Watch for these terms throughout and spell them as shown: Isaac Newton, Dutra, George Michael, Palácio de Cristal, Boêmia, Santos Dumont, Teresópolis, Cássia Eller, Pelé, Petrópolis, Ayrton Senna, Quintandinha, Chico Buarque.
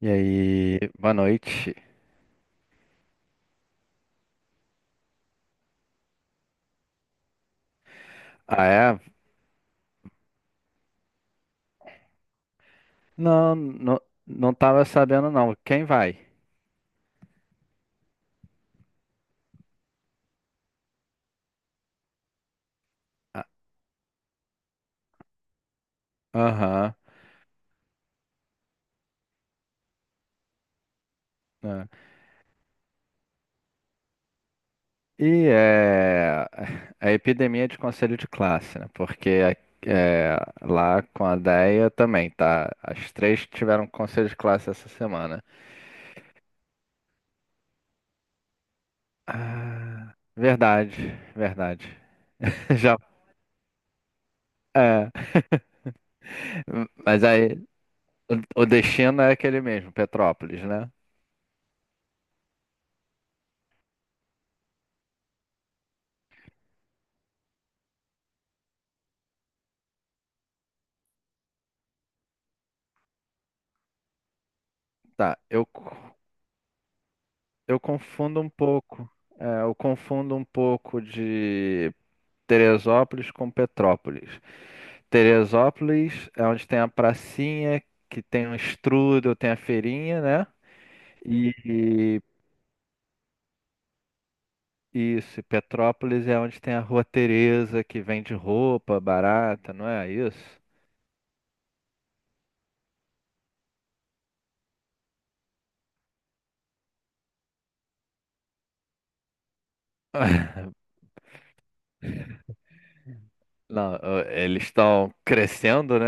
E aí, boa noite. Ah, é? Não, não, não tava sabendo não. Quem vai? Ah. Aham. Né. E é a epidemia de conselho de classe, né? Porque é, lá com a Deia também, tá? As três tiveram conselho de classe essa semana. Ah, verdade, verdade. Já, é. Mas aí, o o destino é aquele mesmo, Petrópolis, né? Tá, eu. Eu confundo um pouco. É, eu confundo um pouco de Teresópolis com Petrópolis. Teresópolis é onde tem a pracinha, que tem um strudel, tem a feirinha, né? E e isso, e Petrópolis é onde tem a Rua Teresa, que vende roupa barata, não é isso? Não, eles estão crescendo, né?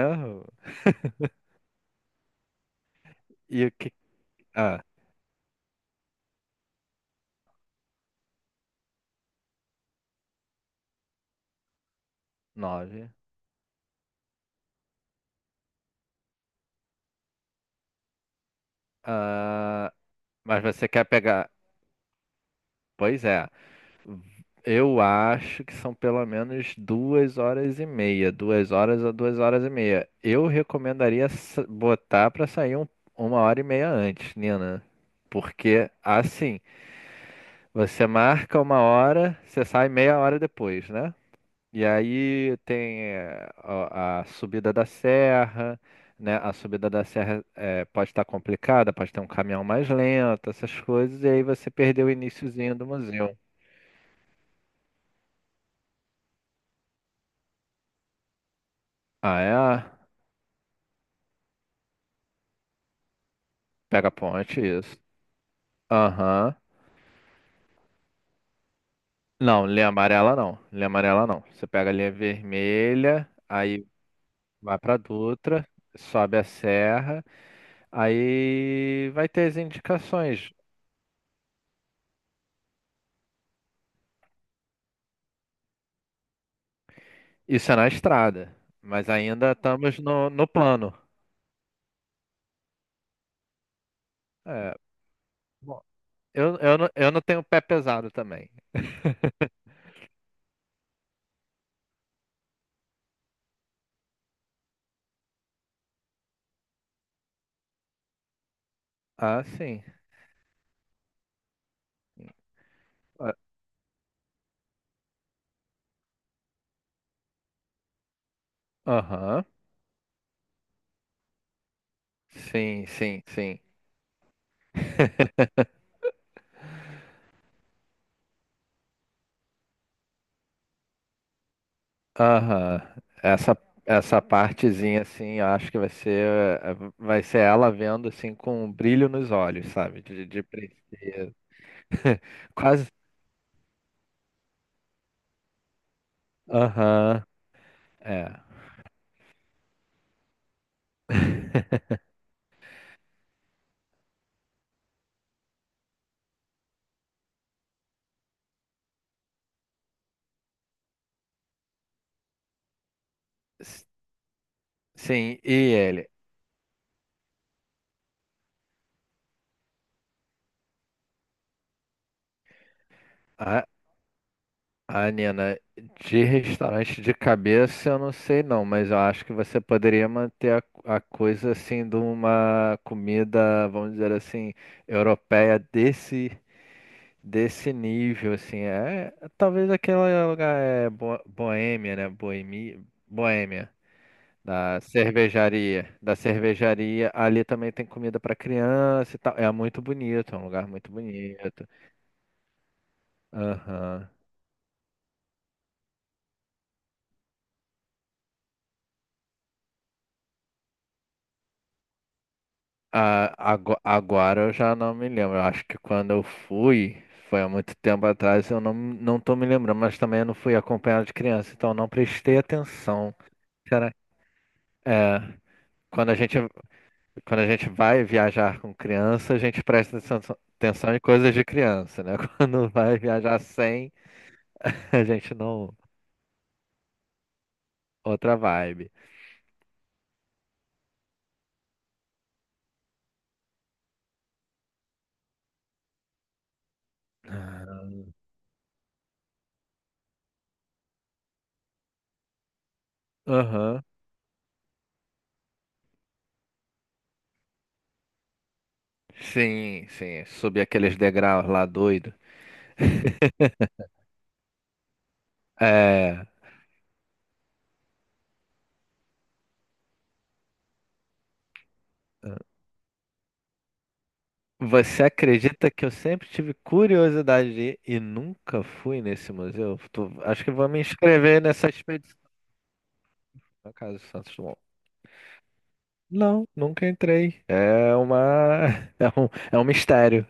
E o que. Ah, nove. Ah, mas você quer pegar. Pois é. Eu acho que são pelo menos 2 horas e meia, 2 horas a 2 horas e meia. Eu recomendaria botar pra sair 1 hora e meia antes, Nina, porque assim você marca 1 hora, você sai meia hora depois, né? E aí tem a subida da serra, né? A subida da serra pode estar complicada, pode ter um caminhão mais lento, essas coisas, e aí você perdeu o iniciozinho do museu. Ah, é? Pega a ponte, isso. Aham. Não, linha amarela não. Linha amarela não. Você pega a linha vermelha, aí vai pra Dutra, sobe a serra, aí vai ter as indicações. Isso é na estrada, mas ainda estamos no plano. É, bom, eu não tenho pé pesado também. Ah, sim. Ah, aham. Sim, sim, sim. Aham. Essa, essa partezinha, assim, eu acho que vai ser ela vendo, assim, com um brilho nos olhos, sabe? De princesa. Quase. Aham. É. S- Sim, e ele? A, a Nina, de restaurante de cabeça, eu não sei não, mas eu acho que você poderia manter a coisa assim de uma comida, vamos dizer assim, europeia desse nível, assim, talvez aquele lugar é Boêmia, né? Boêmia, da cervejaria, da cervejaria. Ali também tem comida para criança e tal. É muito bonito, é um lugar muito bonito. Aham. Ah, agora eu já não me lembro. Eu acho que quando eu fui, foi há muito tempo atrás, eu não tô me lembrando, mas também eu não fui acompanhado de criança, então eu não prestei atenção. Será? É, quando a gente vai viajar com criança, a gente presta atenção em coisas de criança, né? Quando vai viajar sem, a gente não. Outra vibe. Ah, aham. Sim, sim. Subir aqueles degraus lá doido. É. Você acredita que eu sempre tive curiosidade de ir e nunca fui nesse museu? Acho que vou me inscrever nessa expedição na Casa do Santos Dumont. Não, nunca entrei. É uma. É um mistério.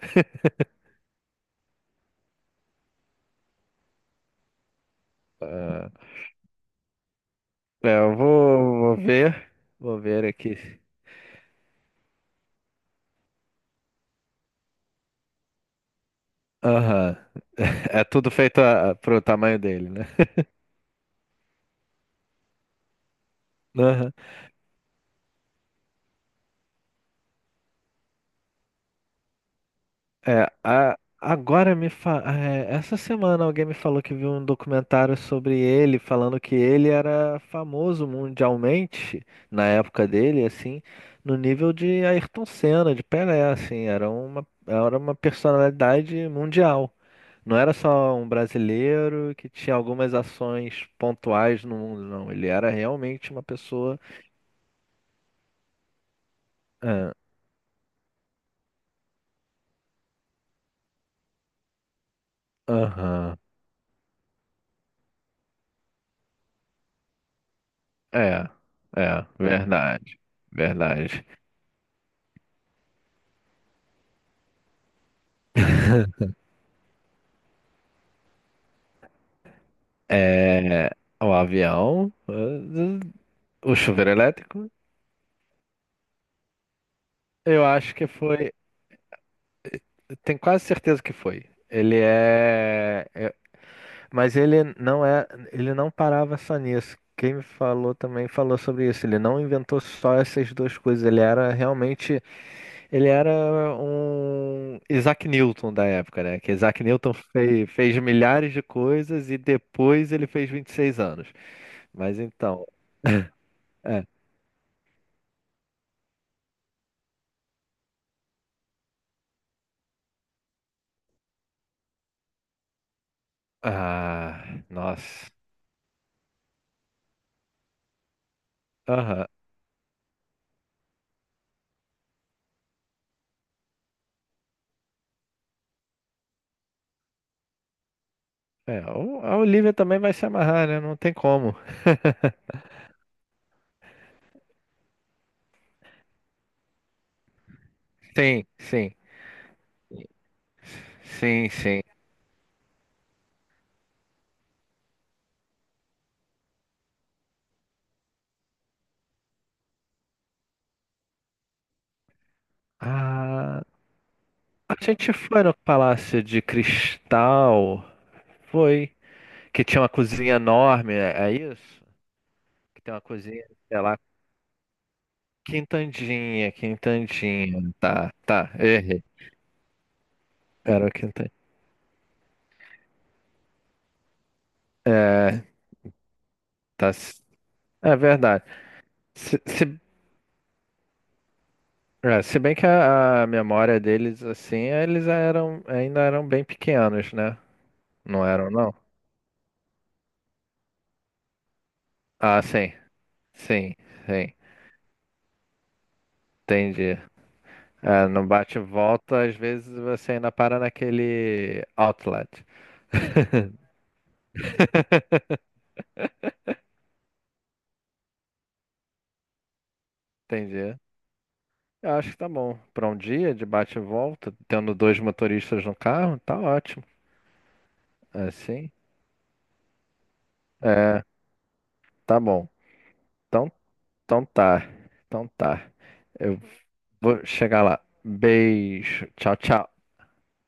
É. É, eu vou ver. Vou ver aqui. Aham. É tudo feito pro tamanho dele, né? Aham. É, agora essa semana alguém me falou que viu um documentário sobre ele, falando que ele era famoso mundialmente na época dele, assim, no nível de Ayrton Senna, de Pelé, assim, era uma personalidade mundial. Não era só um brasileiro que tinha algumas ações pontuais no mundo, não. Ele era realmente uma pessoa. Ah, aham. É, é, verdade. Verdade. É, o avião, o chuveiro elétrico, eu acho que foi. Tenho quase certeza que foi. Mas ele não é. Ele não parava só nisso. Quem me falou também falou sobre isso. Ele não inventou só essas duas coisas. Ele era realmente Ele era um Isaac Newton da época, né? Que Isaac Newton fez, milhares de coisas e depois ele fez 26 anos. Mas então, é. Ah, nossa. Aham. É, a Olivia também vai se amarrar, né? Não tem como. Sim, sim. Sim, sim. Ah, a gente foi no Palácio de Cristal, foi, que tinha uma cozinha enorme, é isso? Que tem uma cozinha, sei lá, Quintandinha, Quintandinha. Tá, tá, errei. Era o Quintandinha. É, tá. É verdade. Se, se, Se bem que a memória deles, assim, eles eram, ainda eram bem pequenos, né? Não eram, não? Ah, sim, sim, sim. Entendi. É, no bate-volta, às vezes você ainda para naquele outlet. Entendi. Eu acho que tá bom. Para um dia de bate-volta, tendo dois motoristas no carro, tá ótimo. Assim. É. Tá bom. Então, então tá. Então tá. Eu vou chegar lá. Beijo. Tchau, tchau.